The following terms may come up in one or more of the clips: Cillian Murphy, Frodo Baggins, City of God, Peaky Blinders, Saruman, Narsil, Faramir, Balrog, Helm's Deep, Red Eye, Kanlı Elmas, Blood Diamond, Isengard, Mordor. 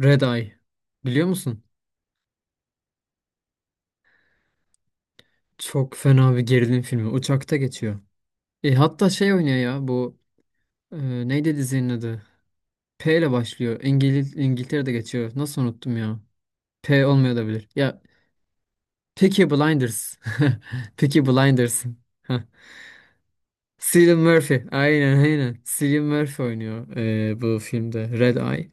Red Eye. Biliyor musun? Çok fena bir gerilim filmi. Uçakta geçiyor. Hatta şey oynuyor ya bu e, neydi dizinin adı? P ile başlıyor. İngiliz İngiltere'de geçiyor. Nasıl unuttum ya? P olmuyor da bilir. Ya Peaky Blinders. Peaky Blinders. Heh. Cillian Murphy. Aynen aynen. Cillian Murphy oynuyor bu filmde. Red Eye.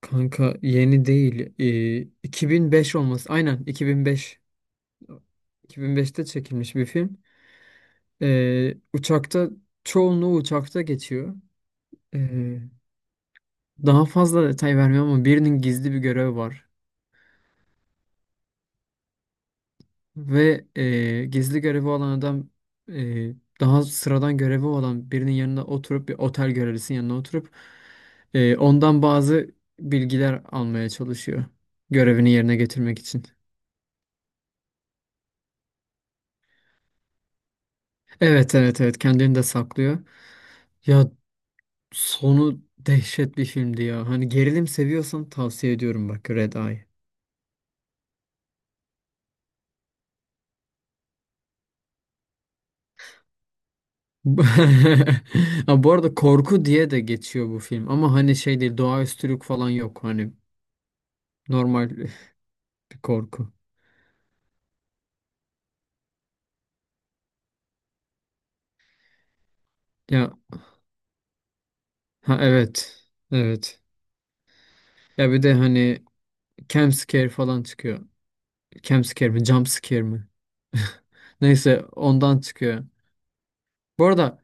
Kanka yeni değil. 2005 olması. Aynen 2005. 2005'te çekilmiş bir film. Uçakta çoğunluğu uçakta geçiyor. Ee, daha fazla detay vermiyorum ama birinin gizli bir görevi var. Ve gizli görevi olan adam e, daha sıradan görevi olan birinin yanına oturup bir otel görevlisinin yanına oturup ondan bazı bilgiler almaya çalışıyor. Görevini yerine getirmek için. Evet evet evet, kendini de saklıyor. Ya sonu dehşet bir filmdi ya. Hani gerilim seviyorsan tavsiye ediyorum bak, Red Eye. Bu ha, bu arada korku diye de geçiyor bu film ama hani şey değil, doğaüstülük falan yok hani, normal bir korku. Ya ha evet evet, ya bir de hani jump scare falan çıkıyor. Jump scare mi jump scare mi? Neyse ondan çıkıyor. Bu arada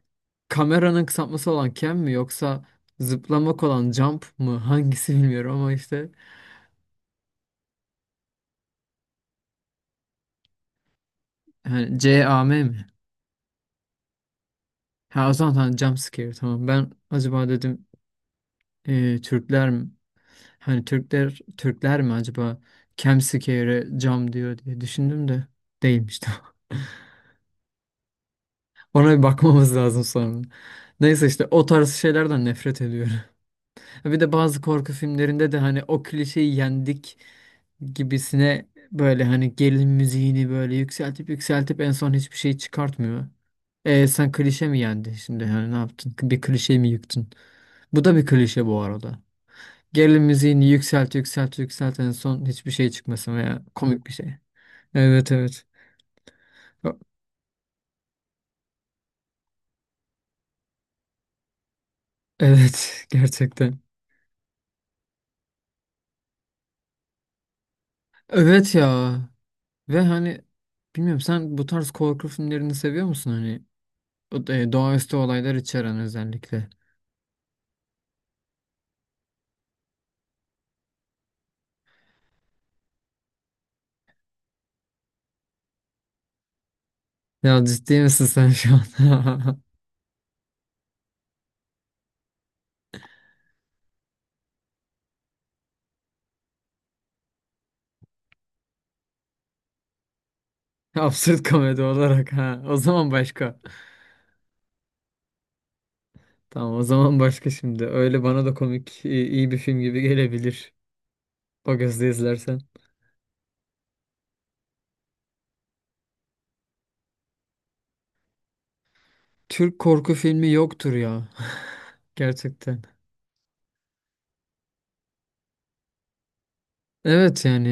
kameranın kısaltması olan cam mi yoksa zıplamak olan jump mı, hangisi bilmiyorum ama işte hani C A M mi? Ha o zaman tamam, jump scare tamam, ben acaba dedim Türkler mi? Hani Türkler mi acaba Kemsikere cam diyor diye düşündüm de değilmiş. Tamam. Ona bir bakmamız lazım sonra. Neyse işte o tarz şeylerden nefret ediyorum. Bir de bazı korku filmlerinde de hani o klişeyi yendik gibisine böyle, hani gerilim müziğini böyle yükseltip yükseltip en son hiçbir şey çıkartmıyor. E sen klişe mi yendin şimdi? Hani ne yaptın? Bir klişe mi yıktın? Bu da bir klişe bu arada. Gerilim müziğini yükselt yükselt yükselt en son hiçbir şey çıkmasın veya komik bir şey. Evet evet. Evet, gerçekten. Evet ya. Ve hani bilmiyorum, sen bu tarz korku filmlerini seviyor musun hani? Doğaüstü olaylar içeren özellikle. Ya ciddi misin sen şu an? Absürt komedi olarak ha. O zaman başka. Tamam o zaman başka şimdi. Öyle bana da komik, iyi iyi bir film gibi gelebilir. O gözle izlersen. Türk korku filmi yoktur ya. Gerçekten. Evet yani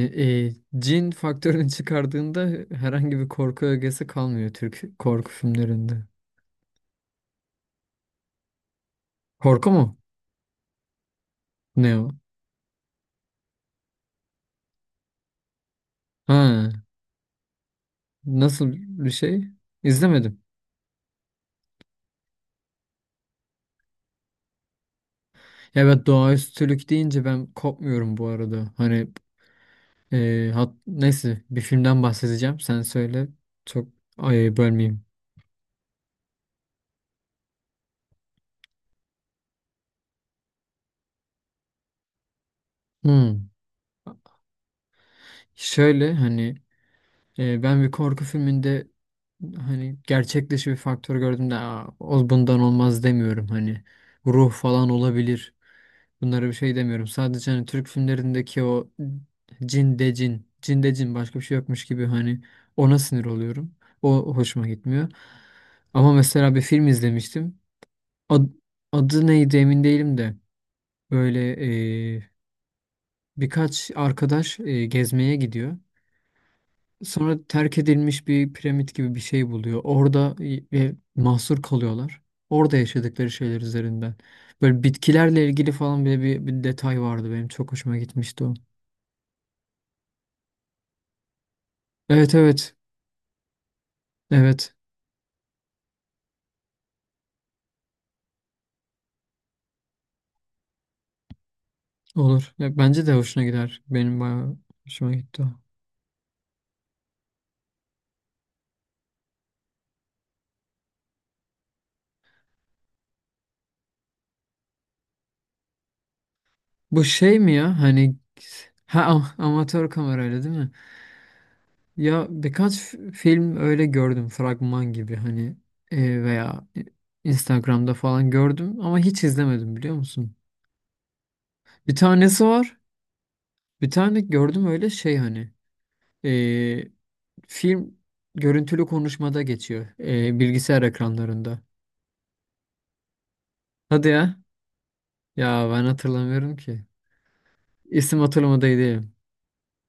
cin faktörünü çıkardığında herhangi bir korku ögesi kalmıyor Türk korku filmlerinde. Korku mu? Ne o? Ha, nasıl bir şey? İzlemedim. Ya ben doğaüstülük deyince ben kopmuyorum bu arada. Neyse bir filmden bahsedeceğim. Sen söyle. Çok, ay, bölmeyeyim. Hmm. Şöyle hani ben bir korku filminde hani gerçek dışı bir faktör gördüm de, "Aa, o bundan olmaz" demiyorum. Hani ruh falan olabilir. Bunlara bir şey demiyorum. Sadece hani Türk filmlerindeki o cin de cin, cin de cin, başka bir şey yokmuş gibi hani, ona sinir oluyorum. O hoşuma gitmiyor. Ama mesela bir film izlemiştim. Ad- adı neydi emin değilim de, böyle e, birkaç arkadaş gezmeye gidiyor. Sonra terk edilmiş bir piramit gibi bir şey buluyor. Orada ve mahsur kalıyorlar. Orada yaşadıkları şeyler üzerinden. Böyle bitkilerle ilgili falan bile bir detay vardı benim. Çok hoşuma gitmişti o. Evet evet. Evet. Olur. Ya bence de hoşuna gider. Benim bayağı hoşuma gitti o. Bu şey mi ya? Hani amatör kamerayla değil mi? Ya birkaç film öyle gördüm, fragman gibi hani veya Instagram'da falan gördüm ama hiç izlemedim biliyor musun? Bir tanesi var. Bir tane gördüm öyle şey hani. e, Film görüntülü konuşmada geçiyor. Bilgisayar ekranlarında. Hadi ya. Ya ben hatırlamıyorum ki. İsim hatırlamadaydım.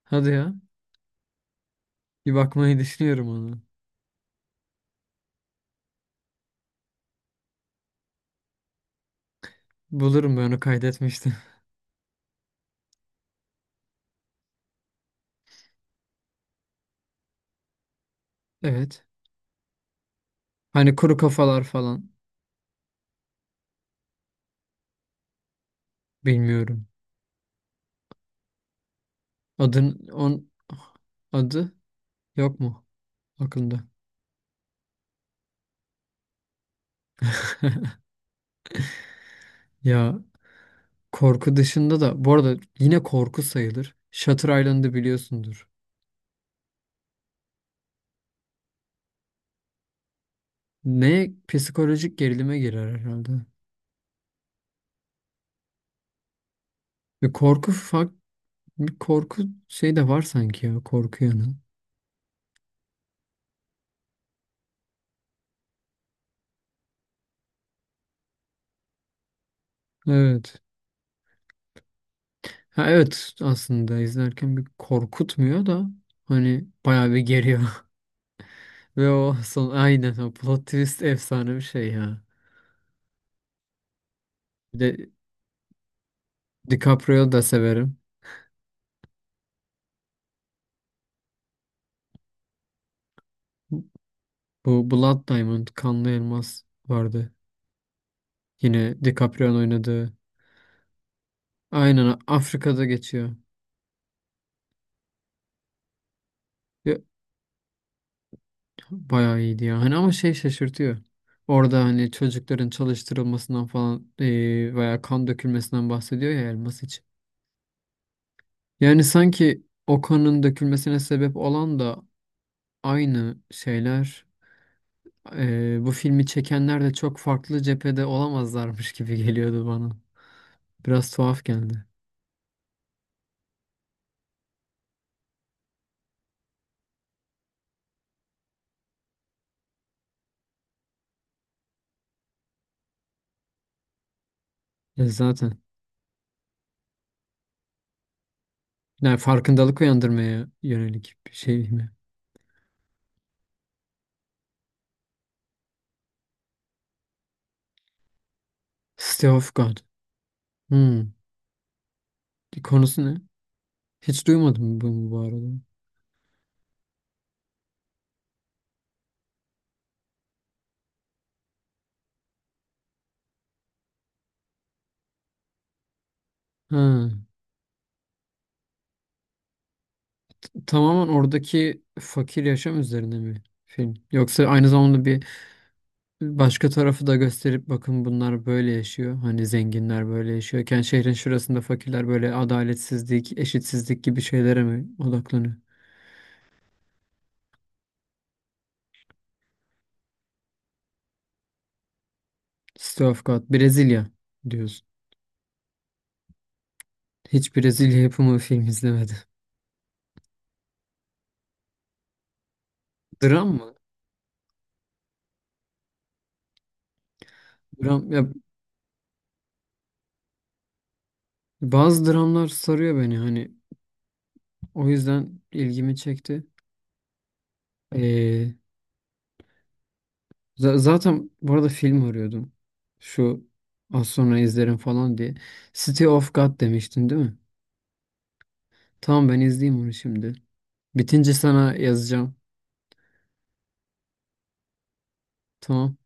Hadi ya. Bir bakmayı düşünüyorum onu. Bulurum, ben onu kaydetmiştim. Evet. Hani kuru kafalar falan. Bilmiyorum. Adın, on, adı yok mu aklında? Ya korku dışında da bu arada, yine korku sayılır, Shutter Island'ı biliyorsundur. Ne, psikolojik gerilime girer herhalde. Bir korku fak bir korku şey de var sanki, ya korku yanı. Evet. Ha evet, aslında izlerken bir korkutmuyor da hani bayağı bir geriyor. Ve o son, aynen o plot twist efsane bir şey ya. Bir de DiCaprio'yu da severim. Bu Blood Diamond, Kanlı Elmas vardı. Yine DiCaprio'nun oynadığı. Aynen Afrika'da geçiyor. Bayağı iyiydi ya. Hani ama şey şaşırtıyor. Orada hani çocukların çalıştırılmasından falan veya kan dökülmesinden bahsediyor ya, elmas için. Yani sanki o kanın dökülmesine sebep olan da aynı şeyler. Bu filmi çekenler de çok farklı cephede olamazlarmış gibi geliyordu bana. Biraz tuhaf geldi. Ya zaten. Yani farkındalık uyandırmaya yönelik bir şey mi? City of God. Hmm. Konusu ne? Hiç duymadım bunu bu arada. Ha. Tamamen oradaki fakir yaşam üzerine mi film? Yoksa aynı zamanda bir başka tarafı da gösterip bakın bunlar böyle yaşıyor. Hani zenginler böyle yaşıyorken şehrin şurasında fakirler böyle, adaletsizlik, eşitsizlik gibi şeylere mi odaklanıyor? City of God, Brezilya diyorsun. Hiç Brezilya yapımı film izlemedim. Dram mı? Dram, ya bazı dramlar sarıyor beni hani. O yüzden ilgimi çekti. Zaten bu arada film arıyordum. Şu az sonra izlerim falan diye. City of God demiştin değil mi? Tamam, ben izleyeyim onu şimdi. Bitince sana yazacağım. Tamam.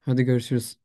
Hadi görüşürüz.